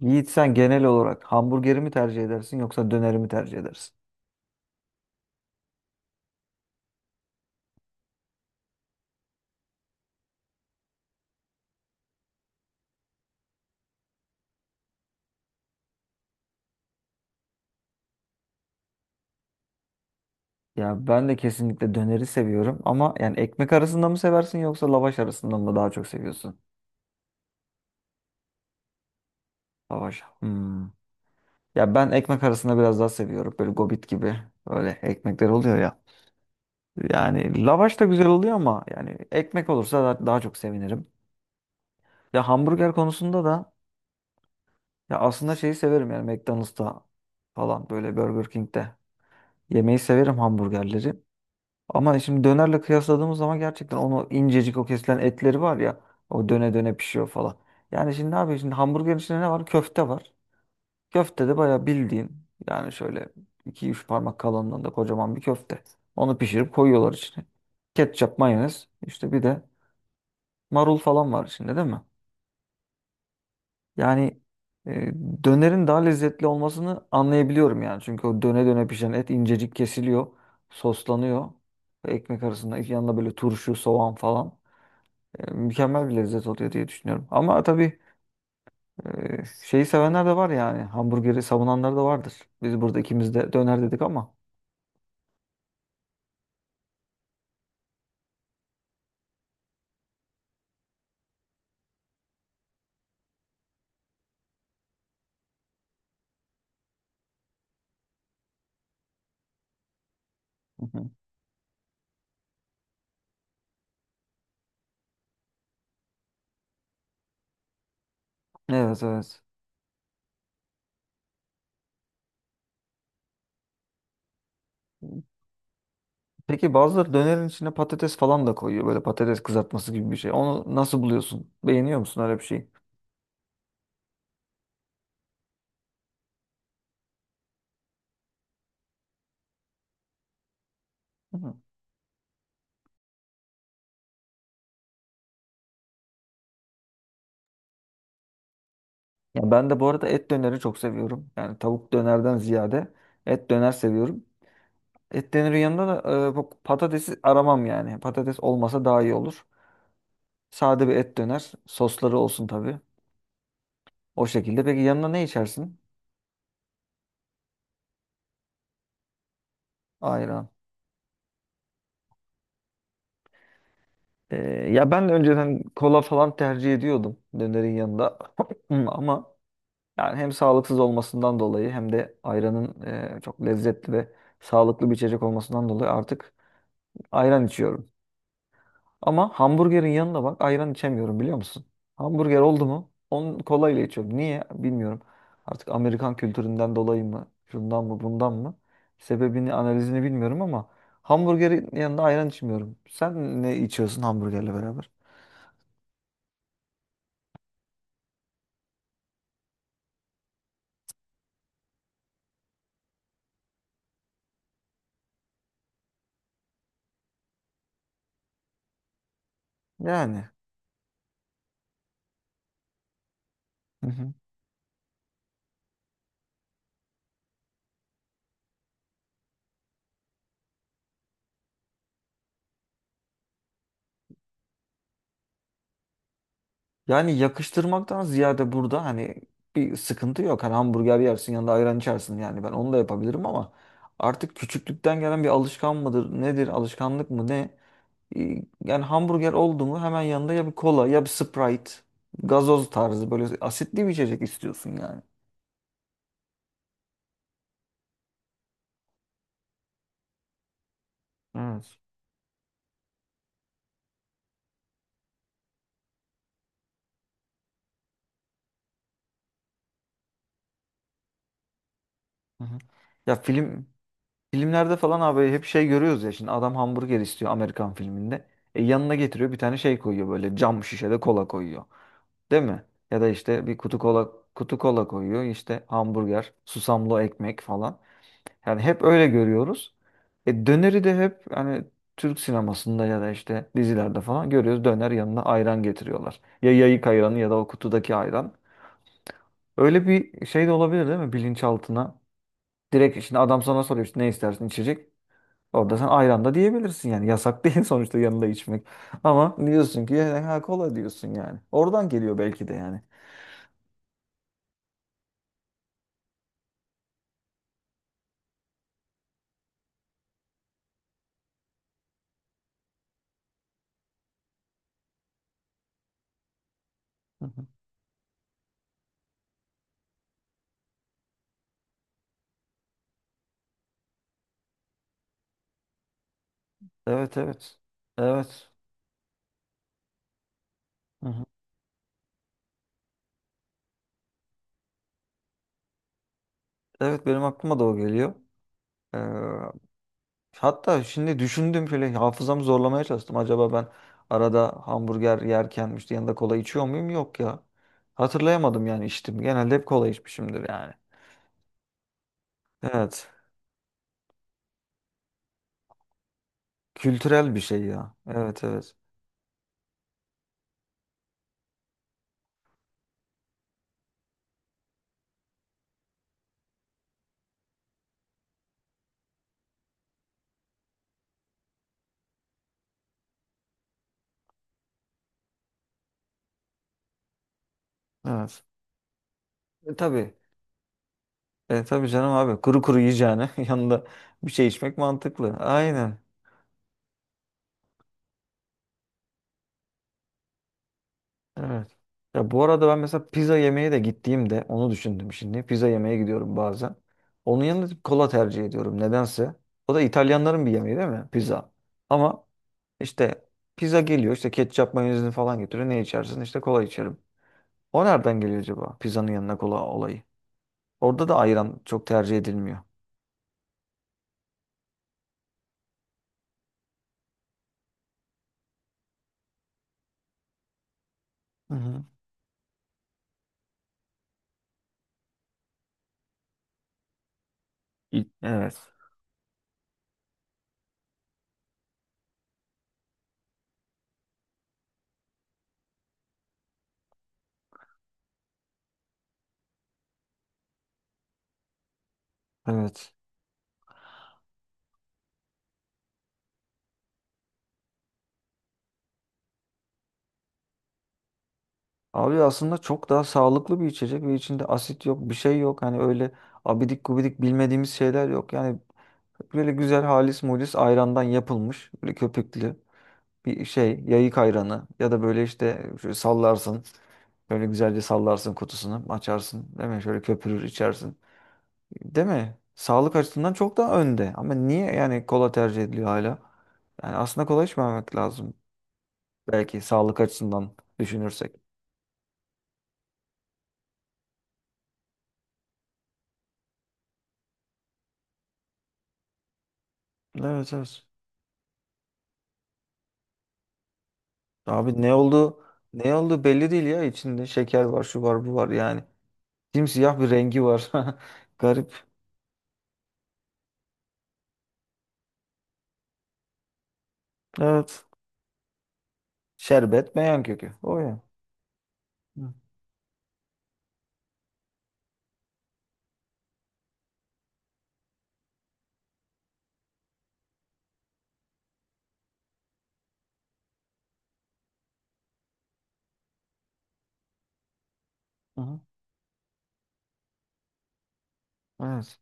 Yiğit sen genel olarak hamburgeri mi tercih edersin yoksa döneri mi tercih edersin? Ya ben de kesinlikle döneri seviyorum ama yani ekmek arasında mı seversin yoksa lavaş arasında mı daha çok seviyorsun? Lavaş. Hmm. Ya ben ekmek arasında biraz daha seviyorum. Böyle gobit gibi öyle ekmekler oluyor ya. Yani lavaş da güzel oluyor ama yani ekmek olursa da- daha çok sevinirim. Ya hamburger konusunda da ya aslında şeyi severim yani McDonald's'ta falan böyle Burger King'de yemeği severim hamburgerleri. Ama şimdi dönerle kıyasladığımız zaman gerçekten onu incecik o kesilen etleri var ya o döne döne pişiyor falan. Yani şimdi ne yapıyor? Şimdi hamburgerin içinde ne var? Köfte var. Köfte de bayağı bildiğin yani şöyle iki üç parmak kalınlığında kocaman bir köfte. Onu pişirip koyuyorlar içine. Ketçap, mayonez işte bir de marul falan var içinde değil mi? Yani e, dönerin daha lezzetli olmasını anlayabiliyorum yani. Çünkü o döne döne pişen et incecik kesiliyor, soslanıyor. Ve ekmek arasında yanında böyle turşu, soğan falan. Mükemmel bir lezzet oluyor diye düşünüyorum. Ama tabii e, şeyi sevenler de var yani. Hamburgeri savunanlar da vardır. Biz burada ikimiz de döner dedik ama. Hı hı. Evet evet. Peki bazıları dönerin içine patates falan da koyuyor. Böyle patates kızartması gibi bir şey. Onu nasıl buluyorsun? Beğeniyor musun öyle bir şeyi? Hı hı. Ya ben de bu arada et döneri çok seviyorum. Yani tavuk dönerden ziyade et döner seviyorum. Et döneri yanında da bu patatesi aramam yani. Patates olmasa daha iyi olur. Sade bir et döner. Sosları olsun tabii. O şekilde. Peki yanına ne içersin? Ayran. E, Ya ben de önceden kola falan tercih ediyordum dönerin yanında. Ama yani hem sağlıksız olmasından dolayı hem de ayranın çok lezzetli ve sağlıklı bir içecek olmasından dolayı artık ayran içiyorum. Ama hamburgerin yanında bak ayran içemiyorum biliyor musun? Hamburger oldu mu? Onu kolayla içiyorum. Niye? Bilmiyorum. Artık Amerikan kültüründen dolayı mı? Şundan mı bundan mı? Sebebini analizini bilmiyorum ama hamburgerin yanında ayran içmiyorum. Sen ne içiyorsun hamburgerle beraber? Yani. Hı hı. Yani yakıştırmaktan ziyade burada hani bir sıkıntı yok. Hani hamburger yersin yanında ayran içersin yani ben onu da yapabilirim ama artık küçüklükten gelen bir alışkan mıdır nedir alışkanlık mı ne? e, Yani hamburger oldu mu hemen yanında ya bir kola ya bir Sprite, gazoz tarzı böyle asitli bir içecek istiyorsun yani. Evet. Hı hı. Ya filmlerde falan abi hep şey görüyoruz ya şimdi adam hamburger istiyor Amerikan filminde. E yanına getiriyor bir tane şey koyuyor böyle cam şişede kola koyuyor. Değil mi? Ya da işte bir kutu kola kutu kola koyuyor işte hamburger, susamlı ekmek falan. Yani hep öyle görüyoruz. E, döneri de hep hani Türk sinemasında ya da işte dizilerde falan görüyoruz. Döner yanına ayran getiriyorlar. Ya yayık ayranı ya da o kutudaki ayran. Öyle bir şey de olabilir değil mi bilinçaltına? Direkt şimdi adam sana soruyor işte ne istersin içecek. Orada sen ayran da diyebilirsin yani. Yasak değil sonuçta yanında içmek. Ama diyorsun ki "Ya, ha, kola" diyorsun yani. Oradan geliyor belki de yani. Hı hı. Evet evet. Evet. Hı hı. Evet benim aklıma da o geliyor. Ee, Hatta şimdi düşündüm bile hafızamı zorlamaya çalıştım. Acaba ben arada hamburger yerken işte yanında kola içiyor muyum? Yok ya. Hatırlayamadım yani içtim. Genelde hep kola içmişimdir yani. Evet. Kültürel bir şey ya. Evet evet. Evet. E, tabii. E, tabii canım abi. Kuru kuru yiyeceğine yanında bir şey içmek mantıklı. Aynen. Evet. Ya bu arada ben mesela pizza yemeye de gittiğimde onu düşündüm şimdi. Pizza yemeye gidiyorum bazen. Onun yanında kola tercih ediyorum nedense. O da İtalyanların bir yemeği değil mi? Pizza. Ama işte pizza geliyor işte ketçap mayonezini falan getiriyor. Ne içersin? İşte kola içerim. O nereden geliyor acaba? Pizzanın yanına kola olayı. Orada da ayran çok tercih edilmiyor. Hı hı. Evet. Evet. Abi aslında çok daha sağlıklı bir içecek ve içinde asit yok, bir şey yok. Hani öyle abidik gubidik bilmediğimiz şeyler yok. Yani böyle güzel halis mulis ayrandan yapılmış. Böyle köpüklü bir şey. Yayık ayranı. Ya da böyle işte şöyle sallarsın. Böyle güzelce sallarsın kutusunu. Açarsın. Değil mi? Şöyle köpürür içersin. Değil mi? Sağlık açısından çok daha önde. Ama niye yani kola tercih ediliyor hala? Yani aslında kola içmemek lazım. Belki sağlık açısından düşünürsek. Evet evet. Abi ne oldu? Ne oldu belli değil ya. İçinde şeker var, şu var, bu var yani. Simsiyah bir rengi var. Garip. Evet. Şerbet beyan kökü. O ya. Hı. Aha. Evet.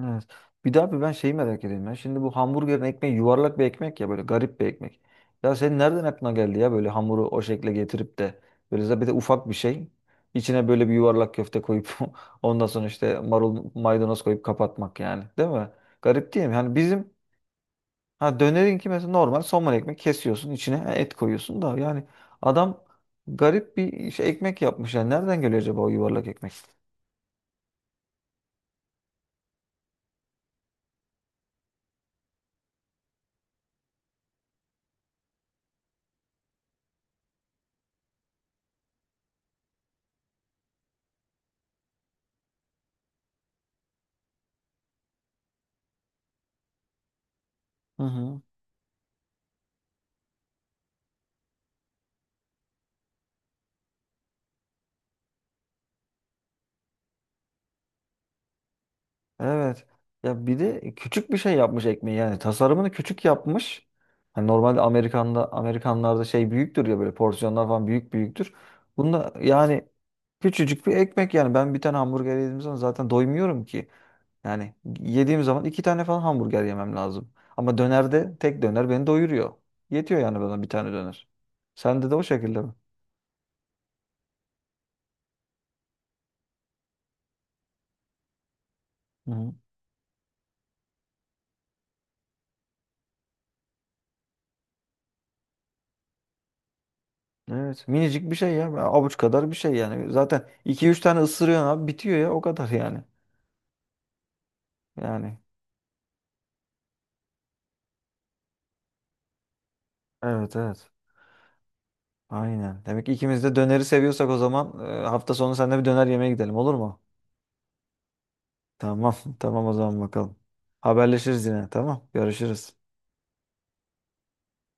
Evet. Bir ben şeyi merak ediyorum ya. Şimdi bu hamburgerin ekmeği yuvarlak bir ekmek ya böyle garip bir ekmek. Ya senin nereden aklına geldi ya böyle hamuru o şekle getirip de böyle de bir de ufak bir şey. İçine böyle bir yuvarlak köfte koyup ondan sonra işte marul maydanoz koyup kapatmak yani. Değil mi? Garip değil mi? Yani bizim ha dönerinki mesela normal somun ekmek kesiyorsun içine et koyuyorsun da yani adam garip bir şey, ekmek yapmış yani. Nereden geliyor acaba o yuvarlak ekmek? Hı hı. Evet. Ya bir de küçük bir şey yapmış ekmeği yani tasarımını küçük yapmış. Hani normalde Amerikanlarda şey büyüktür ya böyle porsiyonlar falan büyük büyüktür. Bunda yani küçücük bir ekmek yani ben bir tane hamburger yediğim zaman zaten doymuyorum ki. Yani yediğim zaman iki tane falan hamburger yemem lazım. Ama dönerde tek döner beni doyuruyor. Yetiyor yani bana bir tane döner. Sende de o şekilde mi? Evet. Minicik bir şey ya. Avuç kadar bir şey yani. Zaten iki üç tane ısırıyorsun abi bitiyor ya o kadar yani. Yani. Evet evet. Aynen. Demek ki ikimiz de döneri seviyorsak o zaman hafta sonu seninle bir döner yemeye gidelim olur mu? Tamam. Tamam o zaman bakalım. Haberleşiriz yine. Tamam. Görüşürüz.